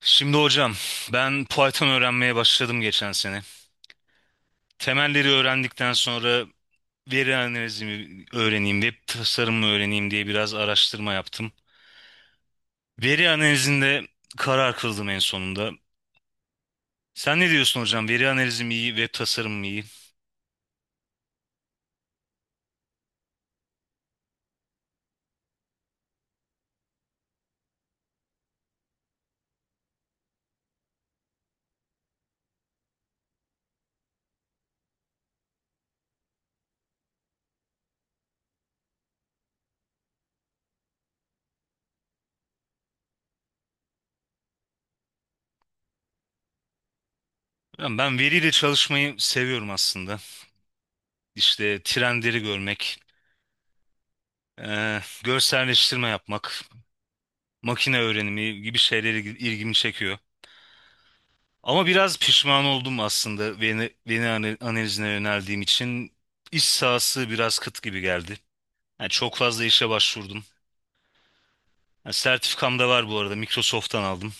Şimdi hocam ben Python öğrenmeye başladım geçen sene. Temelleri öğrendikten sonra veri analizimi öğreneyim, web tasarımı öğreneyim diye biraz araştırma yaptım. Veri analizinde karar kıldım en sonunda. Sen ne diyorsun hocam? Veri analizi mi iyi, web tasarımı mı iyi? Hocam ben veriyle çalışmayı seviyorum aslında. İşte trendleri görmek, görselleştirme yapmak, makine öğrenimi gibi şeyleri ilgimi çekiyor. Ama biraz pişman oldum aslında, beni analizine yöneldiğim için. İş sahası biraz kıt gibi geldi. Yani çok fazla işe başvurdum. Yani sertifikam da var bu arada. Microsoft'tan aldım.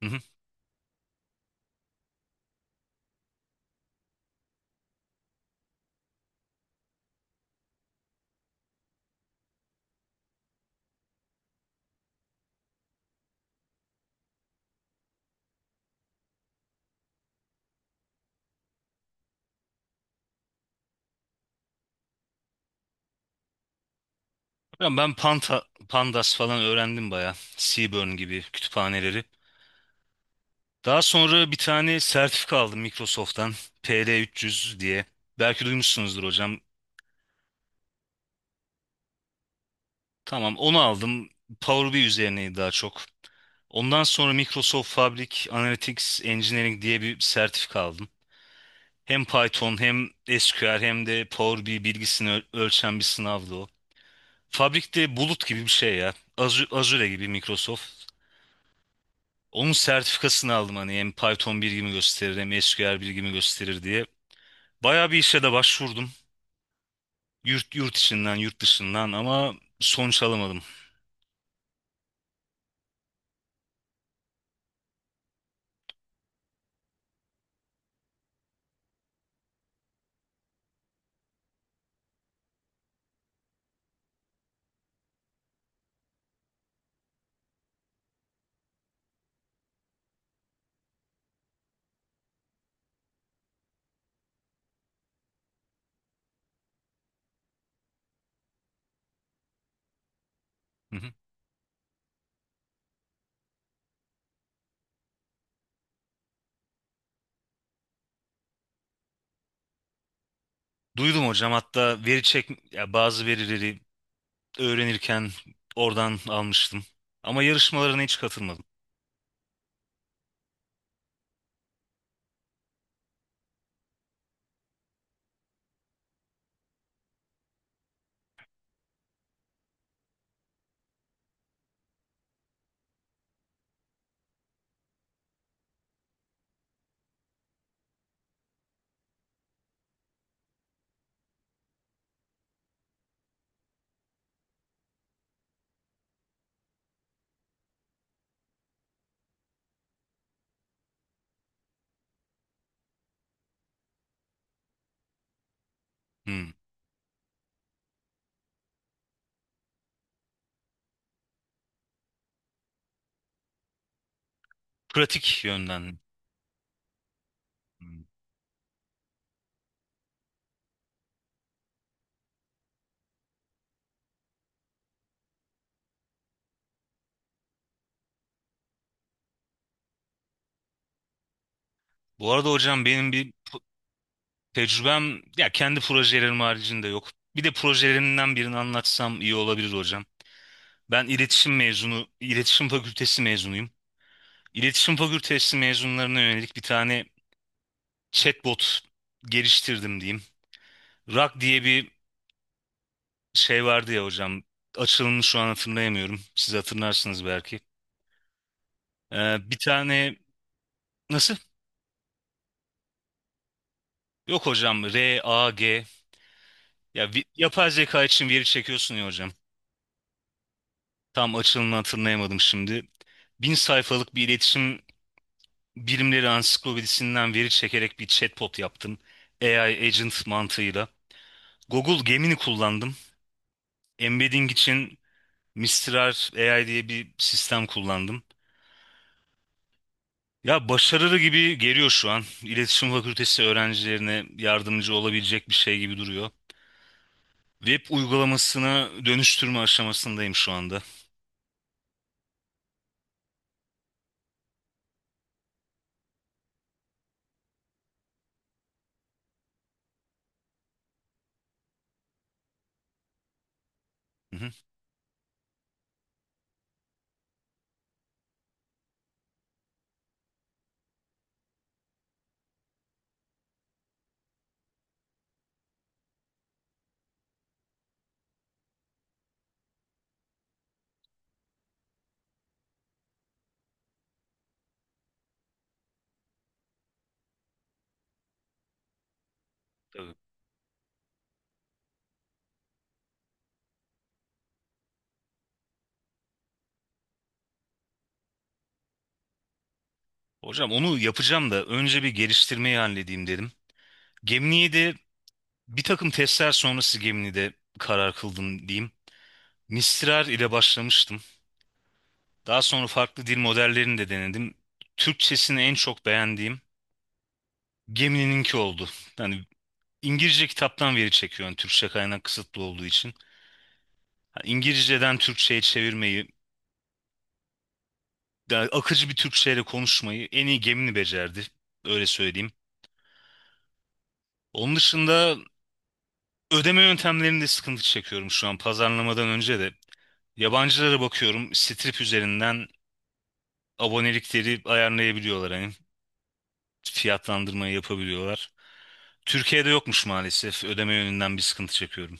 Hı hı. Ya ben Pandas falan öğrendim bayağı. Seaborn gibi kütüphaneleri. Daha sonra bir tane sertifika aldım Microsoft'tan. PL300 diye. Belki duymuşsunuzdur hocam. Tamam, onu aldım. Power BI üzerineydi daha çok. Ondan sonra Microsoft Fabric Analytics Engineering diye bir sertifika aldım. Hem Python hem SQL hem de Power BI bilgisini ölçen bir sınavdı o. Fabrik'te bulut gibi bir şey ya. Azure gibi, Microsoft. Onun sertifikasını aldım hani hem Python bilgimi gösterir hem SQL bilgimi gösterir diye. Bayağı bir işe de başvurdum. Yurt içinden, yurt dışından, ama sonuç alamadım. Hı hı. Duydum hocam, hatta veri çek ya, bazı verileri öğrenirken oradan almıştım. Ama yarışmalarına hiç katılmadım. Hmm. Pratik yönden mi? Hmm. Bu arada hocam benim bir tecrübem, ya, kendi projelerim haricinde yok. Bir de projelerimden birini anlatsam iyi olabilir hocam. Ben iletişim mezunu, iletişim fakültesi mezunuyum. İletişim fakültesi mezunlarına yönelik bir tane chatbot geliştirdim diyeyim. Rock diye bir şey vardı ya hocam. Açılımını şu an hatırlayamıyorum. Siz hatırlarsınız belki. Bir tane nasıl? Yok hocam, RAG. Ya yapay zeka için veri çekiyorsun ya hocam. Tam açılımını hatırlayamadım şimdi. 1000 sayfalık bir iletişim bilimleri ansiklopedisinden veri çekerek bir chatbot yaptım. AI agent mantığıyla. Google Gemini kullandım. Embedding için Mistral AI diye bir sistem kullandım. Ya başarılı gibi geliyor şu an. İletişim Fakültesi öğrencilerine yardımcı olabilecek bir şey gibi duruyor. Web uygulamasına dönüştürme aşamasındayım şu anda. Hı hı. Hocam onu yapacağım da önce bir geliştirmeyi halledeyim dedim. Gemini'yi de bir takım testler sonrası Gemini'de karar kıldım diyeyim. Mistral ile başlamıştım. Daha sonra farklı dil modellerini de denedim. Türkçesini en çok beğendiğim Gemini'ninki oldu. Yani İngilizce kitaptan veri çekiyorum, Türkçe kaynak kısıtlı olduğu için. Yani İngilizceden Türkçe'ye çevirmeyi, yani akıcı bir Türkçeyle konuşmayı en iyi Gemini becerdi. Öyle söyleyeyim. Onun dışında, ödeme yöntemlerinde sıkıntı çekiyorum şu an, pazarlamadan önce de. Yabancılara bakıyorum, Strip üzerinden abonelikleri ayarlayabiliyorlar hani, fiyatlandırmayı yapabiliyorlar. Türkiye'de yokmuş maalesef, ödeme yönünden bir sıkıntı çekiyorum.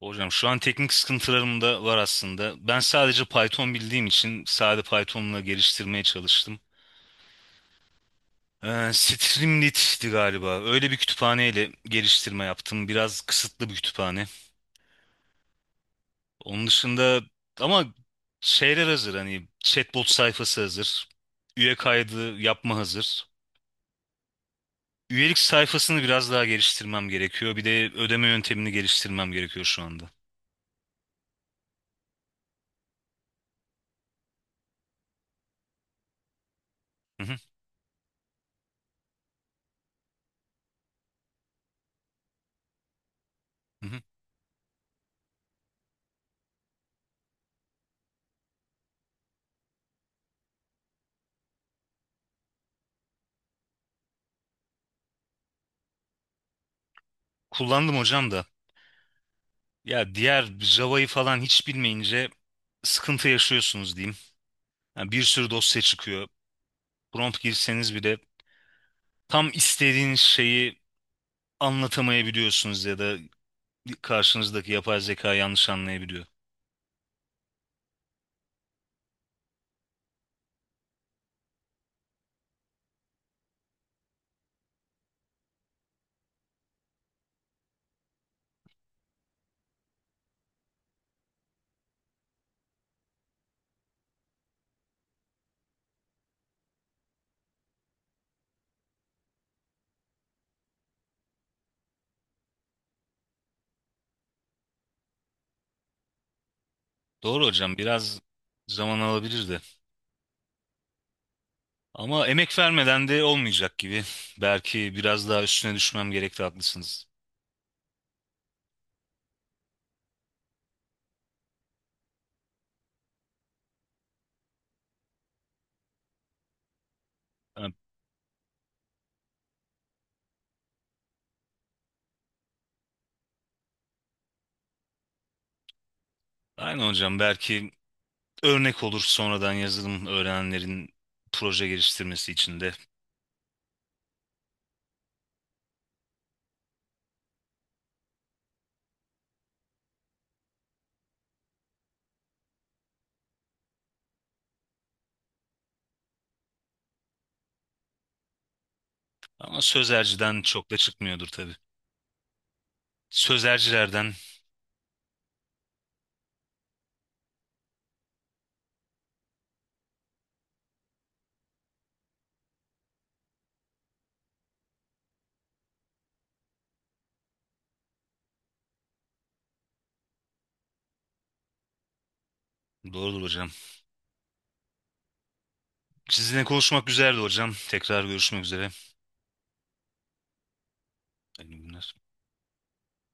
Hocam şu an teknik sıkıntılarım da var aslında. Ben sadece Python bildiğim için sade Python'la geliştirmeye çalıştım. Streamlit'ti galiba. Öyle bir kütüphaneyle geliştirme yaptım. Biraz kısıtlı bir kütüphane. Onun dışında ama şeyler hazır, hani chatbot sayfası hazır. Üye kaydı yapma hazır. Üyelik sayfasını biraz daha geliştirmem gerekiyor. Bir de ödeme yöntemini geliştirmem gerekiyor şu anda. Hı hı, hı hı. Kullandım hocam da. Ya, diğer Java'yı falan hiç bilmeyince sıkıntı yaşıyorsunuz diyeyim. Yani bir sürü dosya çıkıyor. Prompt girseniz bile tam istediğiniz şeyi anlatamayabiliyorsunuz ya da karşınızdaki yapay zeka yanlış anlayabiliyor. Doğru hocam, biraz zaman alabilirdi. Ama emek vermeden de olmayacak gibi. Belki biraz daha üstüne düşmem gerekti, haklısınız. Ha, aynen hocam, belki örnek olur sonradan yazılım öğrenenlerin proje geliştirmesi için de. Ama sözerciden çok da çıkmıyordur tabii. Sözercilerden doğrudur hocam. Sizinle konuşmak güzeldi hocam. Tekrar görüşmek üzere. Hayırlı günler.